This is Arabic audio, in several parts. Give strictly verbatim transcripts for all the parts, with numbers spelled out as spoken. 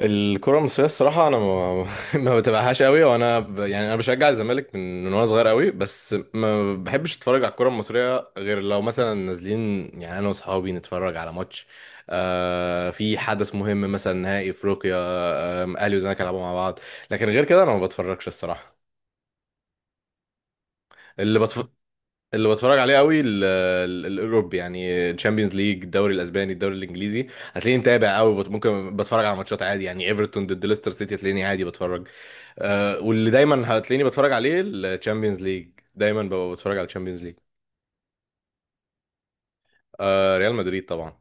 الكرة المصرية الصراحة أنا ما, ما بتابعهاش قوي وأنا ب... يعني أنا بشجع الزمالك من... من وأنا صغير قوي، بس ما بحبش أتفرج على الكرة المصرية غير لو مثلا نازلين. يعني أنا وأصحابي نتفرج على ماتش آه في حدث مهم مثلا نهائي أفريقيا، آه الأهلي والزمالك يلعبوا مع بعض. لكن غير كده أنا ما بتفرجش الصراحة. اللي بتف... اللي بتفرج عليه قوي ال... ال... الأوروبي، يعني تشامبيونز ليج، الدوري الأسباني، الدوري الإنجليزي، هتلاقيني متابع قوي. بت... ممكن بتفرج على ماتشات عادي، يعني ايفرتون ضد ليستر سيتي هتلاقيني عادي بتفرج. آه واللي دايما هتلاقيني بتفرج عليه الشامبيونز ليج، دايما ببقى بتفرج على الشامبيونز ليج. آه ريال مدريد طبعا.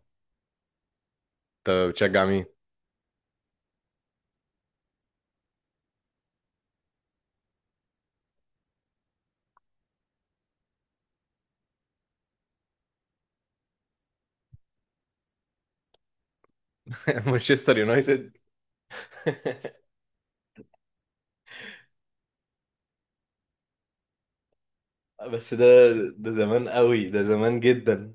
انت بتشجع مين؟ مانشستر يونايتد. بس ده، ده زمان قوي، ده زمان جدا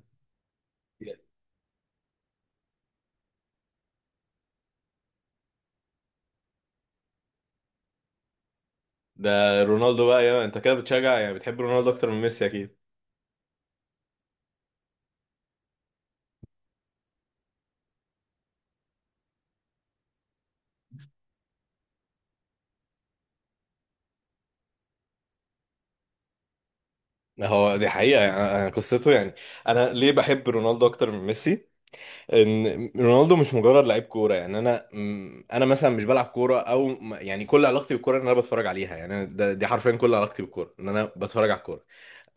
ده. رونالدو بقى، يا انت كده بتشجع، يعني بتحب رونالدو اكتر من ميسي اكيد. هو دي حقيقة، يعني أنا- أنا قصته، يعني أنا ليه بحب رونالدو أكتر من ميسي؟ ان رونالدو مش مجرد لعيب كوره، يعني انا م- انا مثلا مش بلعب كوره او م- يعني كل علاقتي بالكوره ان انا بتفرج عليها، يعني أنا ده دي حرفيا كل علاقتي بالكوره ان انا بتفرج على الكوره.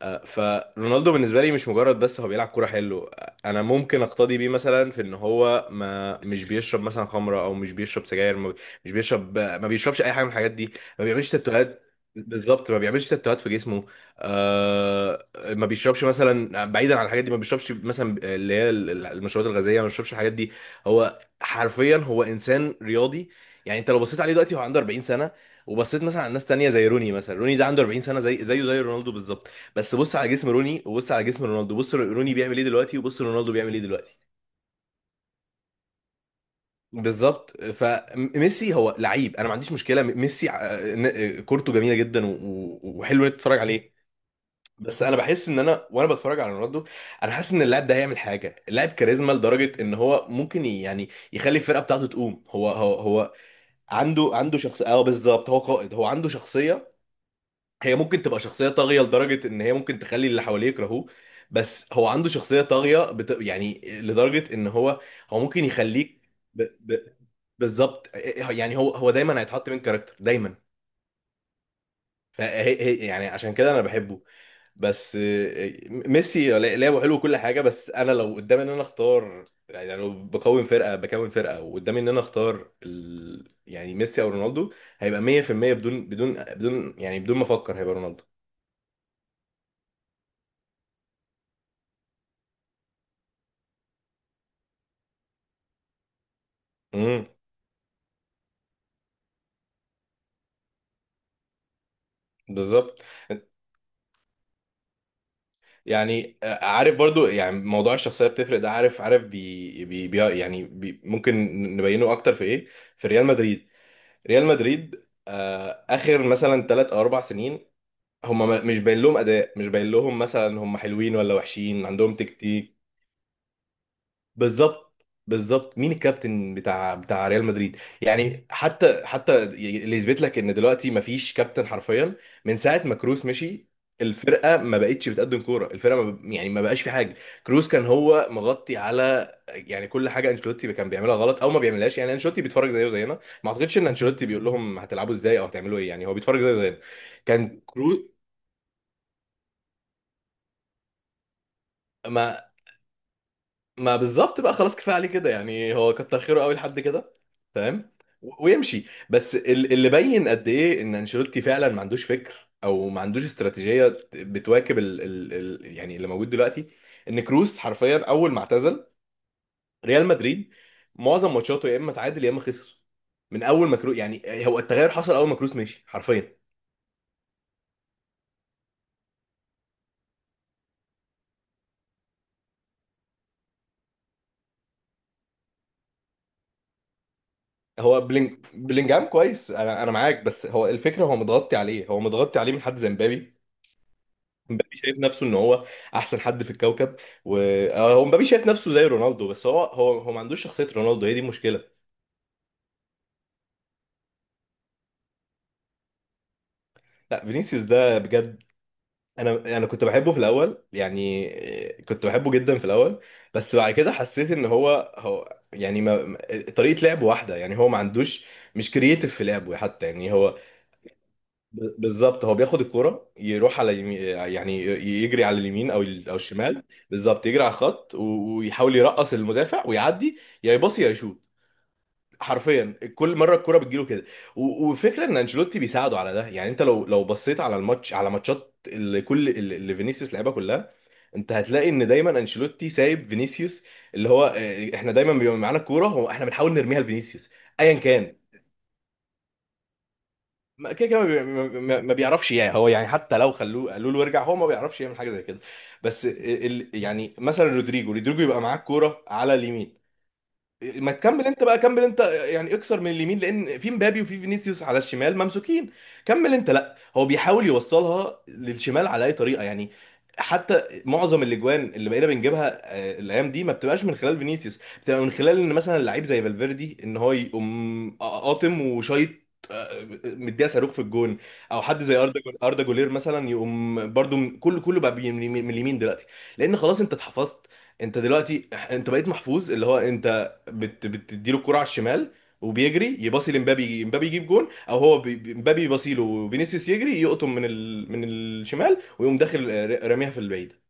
آه، فرونالدو بالنسبه لي مش مجرد بس هو بيلعب كوره حلو، آه، انا ممكن اقتدي بيه مثلا في ان هو ما مش بيشرب مثلا خمره او مش بيشرب سجاير، ما بي- مش بيشرب، آه، ما بيشربش اي حاجه من الحاجات دي، ما بيعملش تاتوهات. بالظبط ما بيعملش تاتوهات في جسمه، آه، ما بيشربش مثلا. بعيدا عن الحاجات دي، ما بيشربش مثلا اللي هي ال- المشروبات الغازيه، ما بيشربش الحاجات دي. هو حرفيا هو انسان رياضي. يعني انت لو بصيت عليه دلوقتي هو عنده أربعين سنة سنه، وبصيت مثلا على ناس تانية زي روني، مثلا روني ده عنده أربعين سنة سنه زي زيه زي رونالدو بالظبط، بس بص على جسم روني وبص على جسم رونالدو، بص روني بيعمل ايه دلوقتي وبص رونالدو بيعمل ايه دلوقتي. بالظبط، فميسي هو لعيب انا ما عنديش مشكله ميسي، آه، ن- آه، كورته جميله جدا و- و- وحلو انك تتفرج عليه. بس انا بحس ان انا وانا بتفرج على رونالدو، انا حاسس ان اللاعب ده هيعمل حاجه، اللاعب كاريزما لدرجه ان هو ممكن ي- يعني يخلي الفرقه بتاعته تقوم. هو هو هو عنده عنده شخصيه، اه بالظبط هو قائد، هو عنده شخصيه، هي ممكن تبقى شخصية طاغية لدرجة إن هي ممكن تخلي اللي حواليه يكرهوه. بس هو عنده شخصية طاغية بت... يعني لدرجة إن هو، هو ممكن يخليك، ب... ب... بالظبط. يعني هو هو دايما هيتحط من كاركتر دايما. فهي هي- يعني عشان كده أنا بحبه. بس آه، ميسي لا- لعبه حلو كل حاجة. بس أنا لو قدامي إن أنا أختار، يعني لو بكون فرقة بكون فرقة وقدامي إن أنا أختار ال... يعني ميسي أو رونالدو، هيبقى مية بالمية بدون بدون بدون يعني بدون ما أفكر، هيبقى رونالدو. بالظبط، يعني آه، عارف برضو يعني موضوع الشخصيه بتفرق ده، عارف عارف بي بي بي يعني بي ممكن نبينه اكتر في ايه؟ في ريال مدريد. ريال مدريد آه اخر مثلا ثلاث او اربع سنين، هم مش باين لهم اداء، مش باين لهم مثلا هم حلوين ولا وحشين، عندهم تكتيك. بالظبط بالظبط مين الكابتن بتاع بتاع ريال مدريد؟ يعني حتى حتى اللي يثبت لك ان دلوقتي مفيش كابتن حرفيا، من ساعه ما كروس مشي الفرقه ما بقتش بتقدم كوره، الفرقه ما ب... يعني ما بقاش في حاجه. كروس كان هو مغطي على، يعني كل حاجه انشيلوتي كان بيعملها غلط او ما بيعملهاش، يعني انشيلوتي بيتفرج زيه زينا، ما اعتقدش ان انشيلوتي بيقول لهم هتلعبوا ازاي او هتعملوا ايه، يعني هو بيتفرج زيه زينا. كان كروس، ما ما بالظبط بقى خلاص كفايه عليه كده، يعني هو كتر خيره قوي لحد كده فاهم، و- ويمشي. بس ال- اللي بين قد ايه ان انشيلوتي فعلا ما عندوش فكر او ما عندوش استراتيجيه بتواكب ال ال ال يعني اللي موجود دلوقتي، ان كروس حرفيا اول ما اعتزل ريال مدريد معظم ماتشاته يا اما تعادل يا اما خسر. من اول ما كروس، يعني هو التغير حصل اول ما كروس مشي حرفيا. هو بلينج بلينجهام كويس، انا انا معاك، بس هو الفكره هو متغطي عليه، هو متغطي عليه من حد زي مبابي. مبابي شايف نفسه ان هو احسن حد في الكوكب، و آه، هو مبابي شايف نفسه زي رونالدو بس هو هو هو ما عندوش شخصية رونالدو، هي دي المشكلة. لا فينيسيوس ده بجد، انا انا كنت بحبه في الاول يعني، آه، كنت بحبه جدا في الاول. بس بعد كده حسيت ان هو هو يعني ما ما- طريقة لعبه واحدة، يعني هو ما عندوش، مش كرييتيف في لعبه حتى يعني هو، ب- بالظبط هو بياخد الكرة يروح على يمين، يعني ي- يجري على اليمين او ال- او الشمال. بالظبط يجري على الخط، و- ويحاول يرقص المدافع ويعدي يا يباصي يا يشوط. حرفيا كل مره الكرة بتجيله كده، و- وفكره ان انشيلوتي بيساعده على ده. يعني انت لو لو بصيت على الماتش، على ماتشات اللي كل اللي اللي فينيسيوس لعبها كلها، انت هتلاقي ان دايما انشيلوتي سايب فينيسيوس، اللي هو آه، احنا دايما بيبقى معانا الكوره، هو احنا بنحاول نرميها لفينيسيوس ايا كان. ما كده كده ما بي- ما- ما- ما بيعرفش، يعني هو، يعني حتى لو خلوه قالوا له ارجع هو ما بيعرفش يعمل حاجه زي كده. بس ال... ال- يعني مثلا رودريجو، رودريجو يبقى معاه الكوره على اليمين، ما تكمل انت بقى، كمل انت. يعني اكسر من اليمين لان في مبابي وفي فينيسيوس على الشمال ممسوكين، كمل انت. لا هو بيحاول يوصلها للشمال على اي طريقه يعني. حتى معظم الاجوان اللي بقينا بنجيبها آه، الايام دي ما بتبقاش من خلال فينيسيوس، بتبقى من خلال ان مثلا لعيب زي فالفيردي ان هو يقوم قاطم وشايط، آه، مديها صاروخ في الجون. او حد زي اردا جو- اردا جولير مثلا يقوم برضو من- كله كله بقى بي- من اليمين دلوقتي، لان خلاص انت اتحفظت. انت دلوقتي انت بقيت محفوظ، اللي هو انت بت بتديله الكرة على الشمال، وبيجري يباصي لمبابي، امبابي يجيب جون، او هو بي- بي- امبابي يباصي له وفينيسيوس يجري يقطم من ال... من الشمال ويقوم داخل آه، راميها في البعيدة.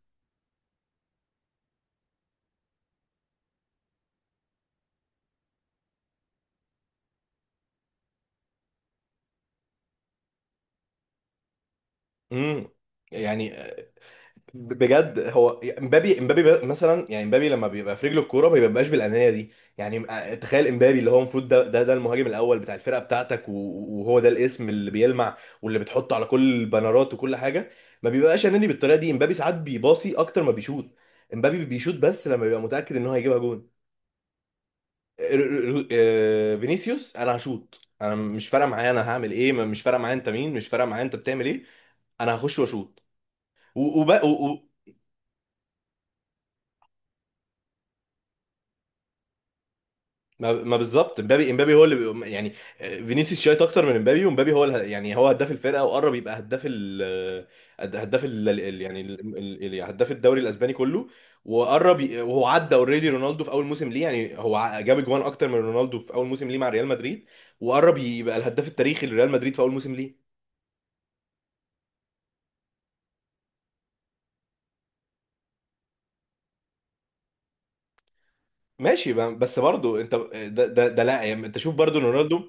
امم، يعني بجد هو، امبابي امبابي ب- مثلا يعني امبابي لما بيبقى في رجله الكوره ما بيبقاش بالانانيه دي، يعني م- آه، تخيل امبابي اللي هو المفروض ده ده ده المهاجم الاول بتاع الفرقه بتاعتك، و- وهو ده الاسم اللي بيلمع واللي بتحطه على كل البنرات وكل حاجه، ما بيبقاش اناني بالطريقه دي. امبابي ساعات بيباصي اكتر ما بيشوط، امبابي بيشوط بس لما بيبقى متاكد ان هو هيجيبها جون. آه، ر- ر- ر- آه، فينيسيوس انا هشوط، انا مش فارقه معايا انا هعمل ايه، مش فارقه معايا انت مين، مش فارقه معايا انت بتعمل ايه، انا هخش واشوط. ما ما بالظبط مبابي، امبابي هو اللي بي- يعني فينيسيوس شايط اكتر من امبابي، ومبابي هو اله- يعني هو هداف الفرقه وقرب يبقى هداف ال هداف ال ال- يعني ال- ال- ال- يعني هداف الدوري الاسباني كله. وقرب ي- وهو عدى اوريدي رونالدو في اول موسم ليه، يعني هو ع- جاب جوان اكتر من رونالدو في اول موسم ليه مع ريال مدريد، وقرب يبقى الهداف التاريخي لريال مدريد في اول موسم ليه. ماشي ب- بس برضه انت ده ده, ده لا، يعني انت شوف برضه رونالدو،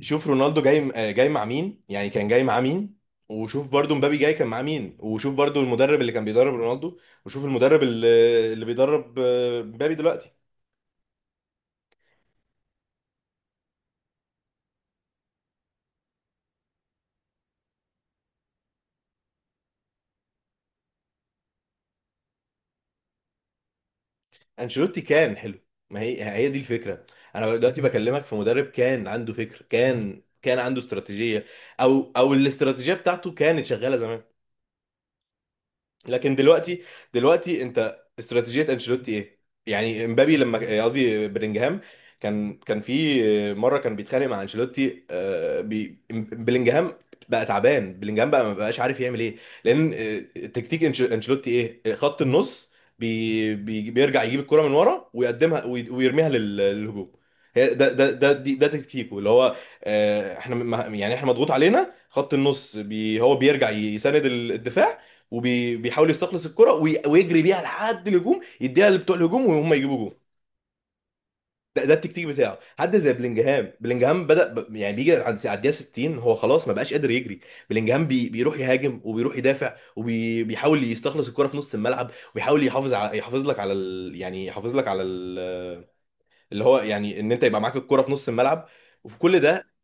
شوف رونالدو جاي آه، جاي مع مين، يعني كان جاي مع مين، وشوف برضو مبابي جاي كان مع مين، وشوف برضو المدرب اللي كان بيدرب رونالدو، وشوف المدرب اللي, اللي بيدرب آه، مبابي دلوقتي. انشيلوتي كان حلو، ما هي هي دي الفكرة. انا دلوقتي بكلمك في مدرب كان عنده فكر، كان كان عنده استراتيجية، او او الاستراتيجية بتاعته كانت شغالة زمان، لكن دلوقتي، دلوقتي انت استراتيجيه انشيلوتي ايه؟ يعني امبابي لما قصدي بلينجهام كان كان في مره كان بيتخانق مع انشيلوتي آه، بي- بلينجهام، بقى تعبان بلينجهام بقى ما بقاش عارف يعمل ايه. لان آه، تكتيك أنش- انشيلوتي ايه؟ خط النص، بي بي بيرجع يجيب الكره من ورا ويقدمها وي- ويرميها لل- للهجوم. هي ده ده ده دي- ده تكتيكه اللي هو آه، احنا م- يعني احنا مضغوط علينا خط النص بي، هو بيرجع يساند الدفاع وبيحاول يستخلص الكرة وي- ويجري بيها لحد الهجوم، يديها لبتوع الهجوم وهم يجيبوا جول. ده, ده التكتيك بتاعه. حد زي بلينجهام، بلينجهام بدأ ب... يعني بيجي عند على الدقيقة ستين هو خلاص ما بقاش قادر يجري. بلينجهام بي... بيروح يهاجم وبيروح يدافع وبيحاول يستخلص الكرة في نص الملعب، وبيحاول يحافظ على، يحافظ لك على ال... يعني يحافظ لك على ال... اللي هو يعني ان انت يبقى معاك الكرة في نص الملعب. وفي كل ده،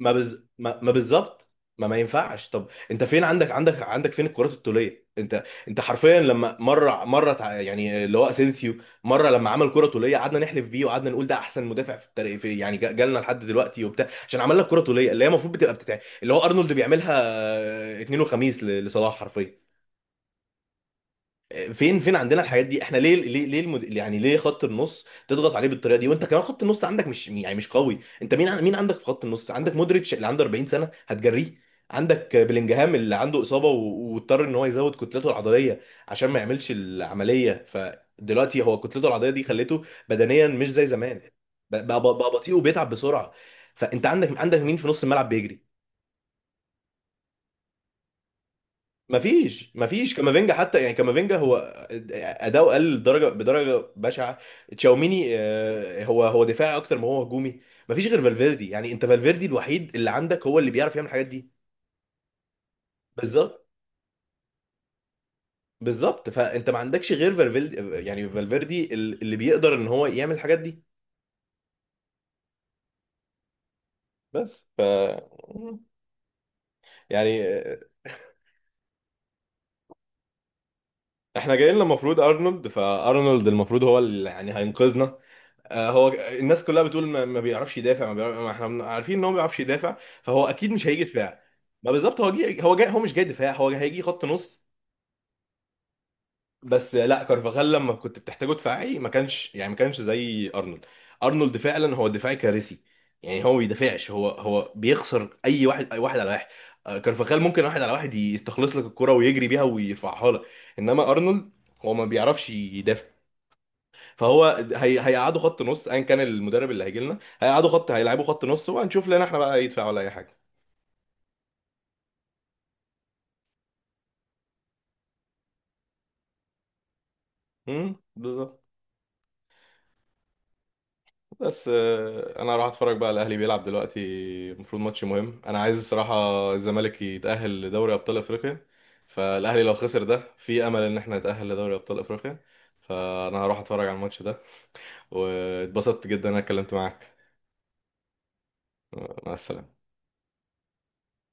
ما بز... ما, ما بالظبط، ما ما ينفعش. طب انت فين، عندك عندك عندك فين الكرات الطوليه؟ انت انت حرفيا لما مره مره تع- يعني اللي هو اسينسيو مره لما عمل كره طوليه قعدنا نحلف بيه، وقعدنا نقول ده احسن مدافع في التاريخ في، يعني جا- جالنا لحد دلوقتي وبتاع عشان عمل لك كره طوليه اللي هي المفروض بتبقى بتتع... اللي هو ارنولد بيعملها آه، اتنين وخميس ل- لصلاح حرفيا. فين فين عندنا الحاجات دي؟ احنا ليه ليه ليه المد... يعني ليه خط النص تضغط عليه بالطريقه دي وانت كمان خط النص عندك مش، يعني مش قوي؟ انت مين ع- مين عندك في خط النص؟ عندك مودريتش اللي عنده أربعين سنة سنه هتجريه؟ عندك بلينجهام اللي عنده اصابه و- واضطر ان هو يزود كتلته العضليه عشان ما يعملش العمليه، فدلوقتي هو كتلته العضليه دي خلته بدنيا مش زي زمان، بقى بقى بقى بطيء وبيتعب بسرعه. فانت عندك عندك مين في نص الملعب بيجري؟ مفيش مفيش كامافينجا حتى، يعني كامافينجا هو اداؤه قل لدرجه بدرجه بشعه. تشاوميني آه، هو هو دفاعي اكتر ما هو هجومي. مفيش غير فالفيردي، يعني انت فالفيردي الوحيد اللي عندك هو اللي بيعرف يعمل الحاجات دي. بالظبط بالظبط فانت ما عندكش غير فالفيردي، يعني فالفيردي ال- اللي بيقدر ان هو يعمل الحاجات دي. بس ف يعني احنا جايين لنا المفروض ارنولد، فارنولد المفروض هو اللي يعني هينقذنا، آه، هو. الناس كلها بتقول ما ما بيعرفش يدافع، ما بيعرف... ما احنا بن- عارفين ان هو ما بيعرفش يدافع، فهو اكيد مش هيجي دفاع. ما بالظبط، هو جي... هو جاي، هو مش جاي دفاع، هو هيجي خط نص. بس لا كارفاخال لما كنت بتحتاجه دفاعي ما كانش، يعني ما كانش زي ارنولد. ارنولد فعلا هو دفاعي كارثي، يعني هو ما بيدافعش، هو هو بيخسر اي واحد، اي واحد على واحد. آه، كارفاخال ممكن واحد على واحد يستخلص لك الكرة ويجري بيها ويرفعها لك، انما ارنولد، هو ما بيعرفش يدافع. فهو هي... هيقعدوا خط نص ايا كان المدرب اللي هيجي لنا، هيقعدوا خط هيلعبوا خط نص وهنشوف لنا احنا بقى يدفع ولا اي حاجه. امم بالظبط. بس آه، انا راح اتفرج بقى على الاهلي بيلعب دلوقتي، المفروض ماتش مهم، انا عايز الصراحه الزمالك يتاهل لدوري ابطال افريقيا، فالاهلي لو خسر ده في امل ان احنا نتاهل لدوري ابطال افريقيا، فانا هروح اتفرج على الماتش ده. واتبسطت جدا إن انا اتكلمت معاك. مع السلامه.